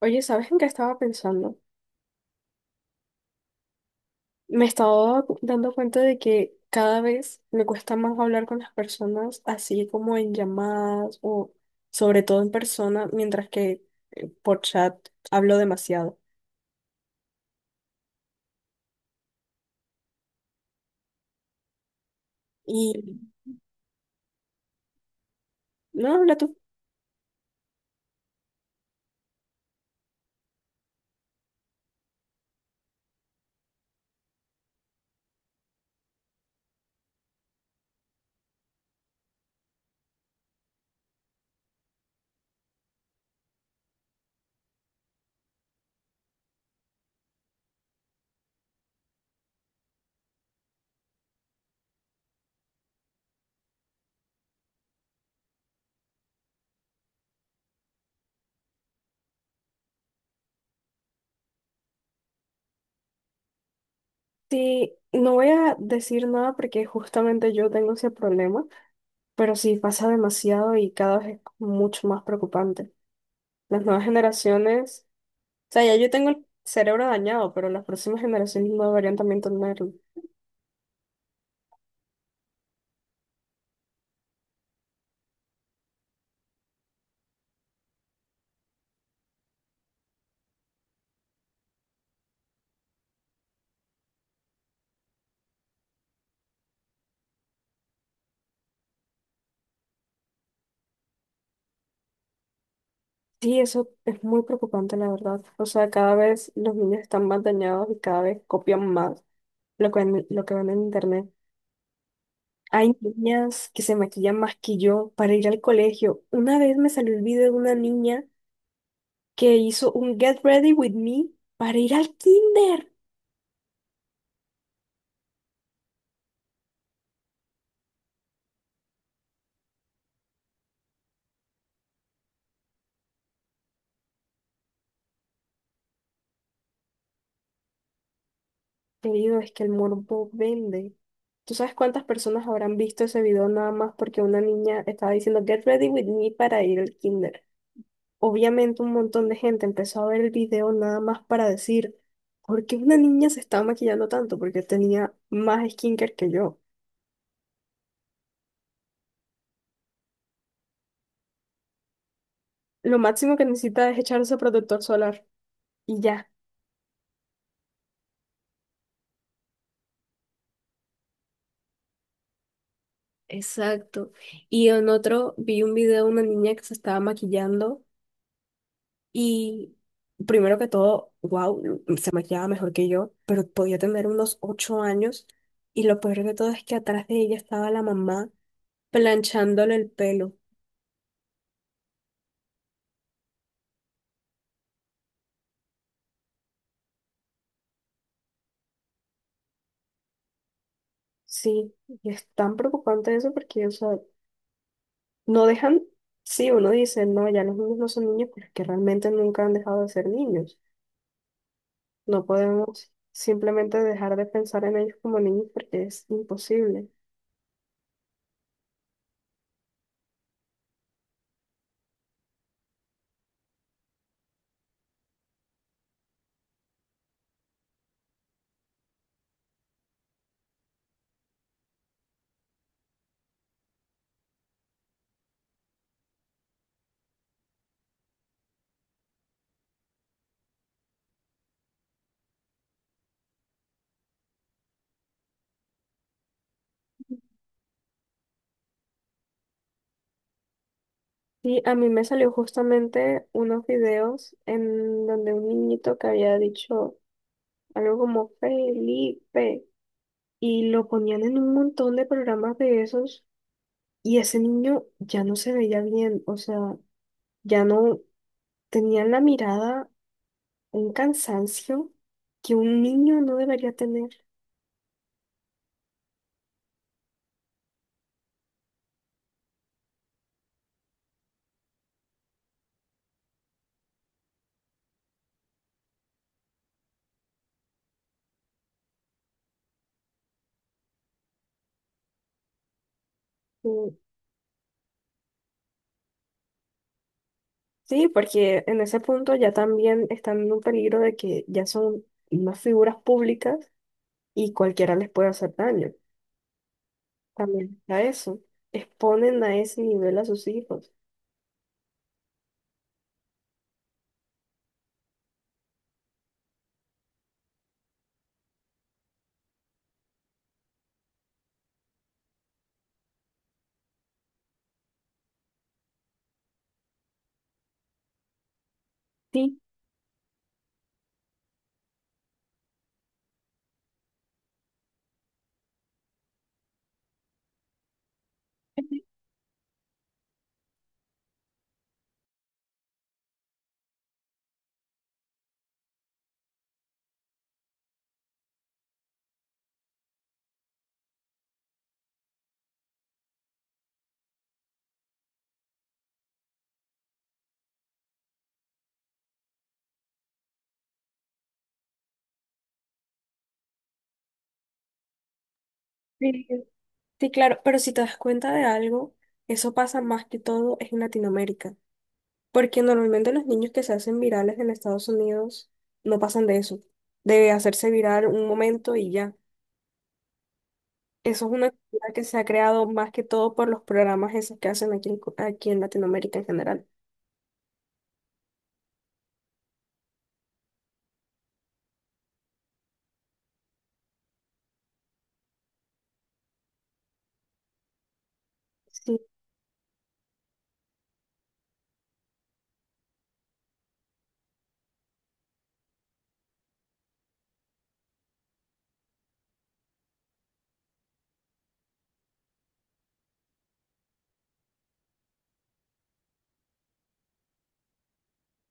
Oye, ¿sabes en qué estaba pensando? Me estaba dando cuenta de que cada vez me cuesta más hablar con las personas, así como en llamadas o sobre todo en persona, mientras que por chat hablo demasiado. Y no, habla tú. Sí, no voy a decir nada porque justamente yo tengo ese problema, pero sí pasa demasiado y cada vez es mucho más preocupante. Las nuevas generaciones, o sea, ya yo tengo el cerebro dañado, pero las próximas generaciones no deberían también tenerlo. Sí, eso es muy preocupante, la verdad. O sea, cada vez los niños están más dañados y cada vez copian más lo que ven en internet. Hay niñas que se maquillan más que yo para ir al colegio. Una vez me salió el video de una niña que hizo un Get Ready With Me para ir al kinder. Querido, es que el morbo vende. ¿Tú sabes cuántas personas habrán visto ese video nada más porque una niña estaba diciendo Get ready with me para ir al kinder? Obviamente un montón de gente empezó a ver el video nada más para decir ¿por qué una niña se estaba maquillando tanto? Porque tenía más skincare que yo. Lo máximo que necesita es echarse protector solar y ya. Exacto. Y en otro vi un video de una niña que se estaba maquillando. Y primero que todo, wow, se maquillaba mejor que yo, pero podía tener unos 8 años. Y lo peor de todo es que atrás de ella estaba la mamá planchándole el pelo. Sí, y es tan preocupante eso porque, o sea, no dejan, sí, uno dice, no, ya los niños no son niños, pero es que realmente nunca han dejado de ser niños. No podemos simplemente dejar de pensar en ellos como niños porque es imposible. Sí, a mí me salió justamente unos videos en donde un niñito que había dicho algo como Felipe y lo ponían en un montón de programas de esos y ese niño ya no se veía bien, o sea, ya no tenía en la mirada un cansancio que un niño no debería tener. Sí, sí, porque en ese punto ya también están en un peligro de que ya son unas figuras públicas y cualquiera les puede hacer daño. También a eso. Exponen a ese nivel a sus hijos. Sí, sí, sí, claro, pero si te das cuenta de algo, eso pasa más que todo es en Latinoamérica, porque normalmente los niños que se hacen virales en Estados Unidos no pasan de eso, de hacerse viral un momento y ya. Eso es una cultura que se ha creado más que todo por los programas esos que hacen aquí aquí en Latinoamérica en general. Sí.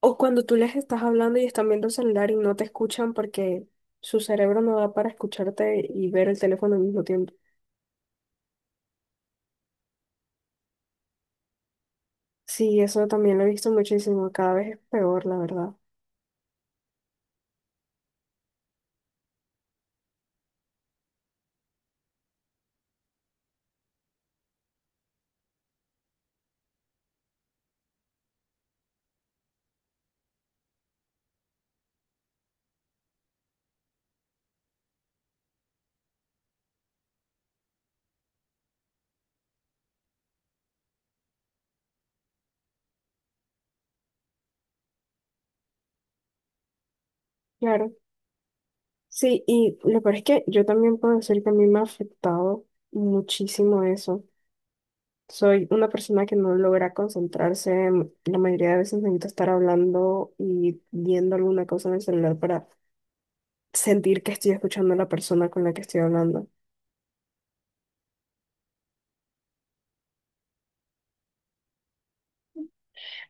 O cuando tú les estás hablando y están viendo el celular y no te escuchan porque su cerebro no da para escucharte y ver el teléfono al mismo tiempo. Sí, eso también lo he visto muchísimo. Cada vez es peor, la verdad. Claro. Sí, y lo peor es que yo también puedo decir que a mí me ha afectado muchísimo eso. Soy una persona que no logra concentrarse. La mayoría de veces necesito estar hablando y viendo alguna cosa en el celular para sentir que estoy escuchando a la persona con la que estoy hablando.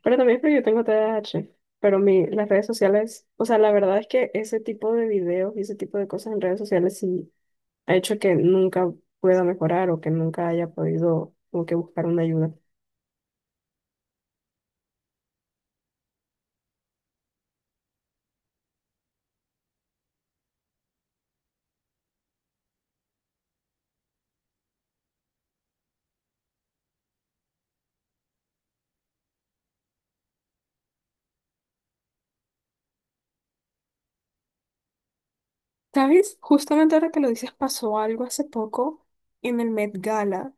Pero también es porque yo tengo TDAH Pero las redes sociales, o sea, la verdad es que ese tipo de videos y ese tipo de cosas en redes sociales sí ha hecho que nunca pueda mejorar o que nunca haya podido como que buscar una ayuda. ¿Sabes? Justamente ahora que lo dices, pasó algo hace poco en el Met Gala,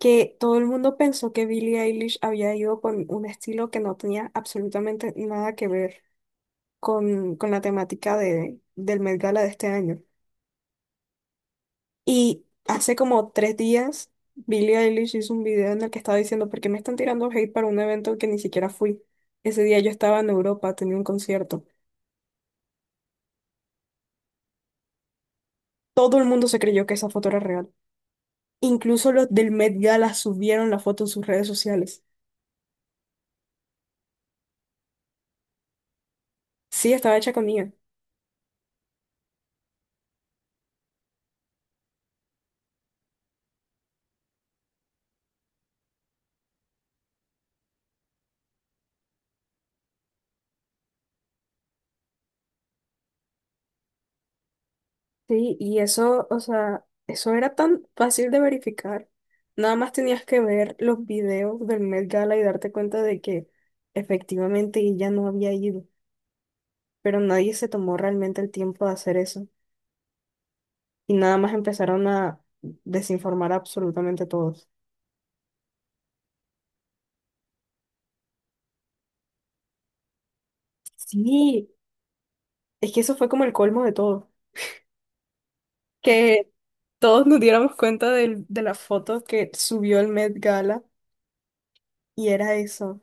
que todo el mundo pensó que Billie Eilish había ido con un estilo que no tenía absolutamente nada que ver con la temática del Met Gala de este año. Y hace como 3 días, Billie Eilish hizo un video en el que estaba diciendo, ¿por qué me están tirando hate para un evento que ni siquiera fui? Ese día yo estaba en Europa, tenía un concierto. Todo el mundo se creyó que esa foto era real. Incluso los del Met Gala subieron la foto en sus redes sociales. Sí, estaba hecha con IA. Sí, y eso, o sea, eso era tan fácil de verificar. Nada más tenías que ver los videos del Met Gala y darte cuenta de que efectivamente ella no había ido, pero nadie se tomó realmente el tiempo de hacer eso. Y nada más empezaron a desinformar a absolutamente todos. Sí, es que eso fue como el colmo de todo. Que todos nos diéramos cuenta de la foto que subió el Met Gala y era eso.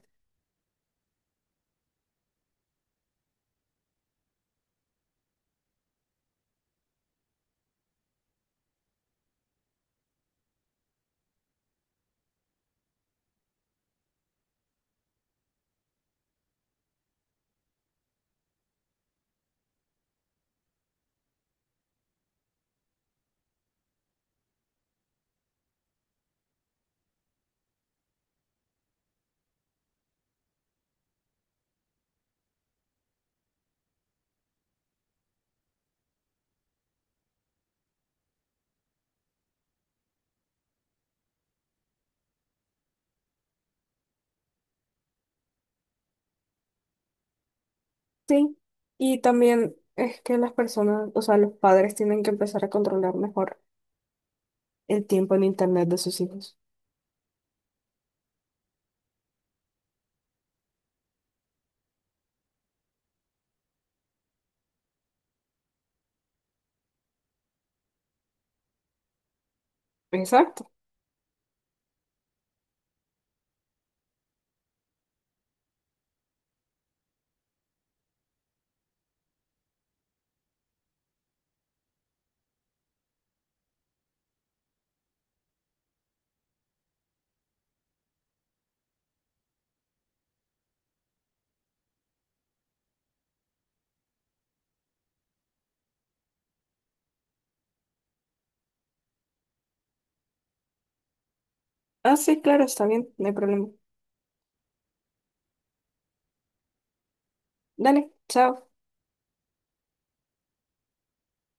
Sí, y también es que las personas, o sea, los padres tienen que empezar a controlar mejor el tiempo en internet de sus hijos. Exacto. Ah, sí, claro, está bien, no hay problema. Dale, chao.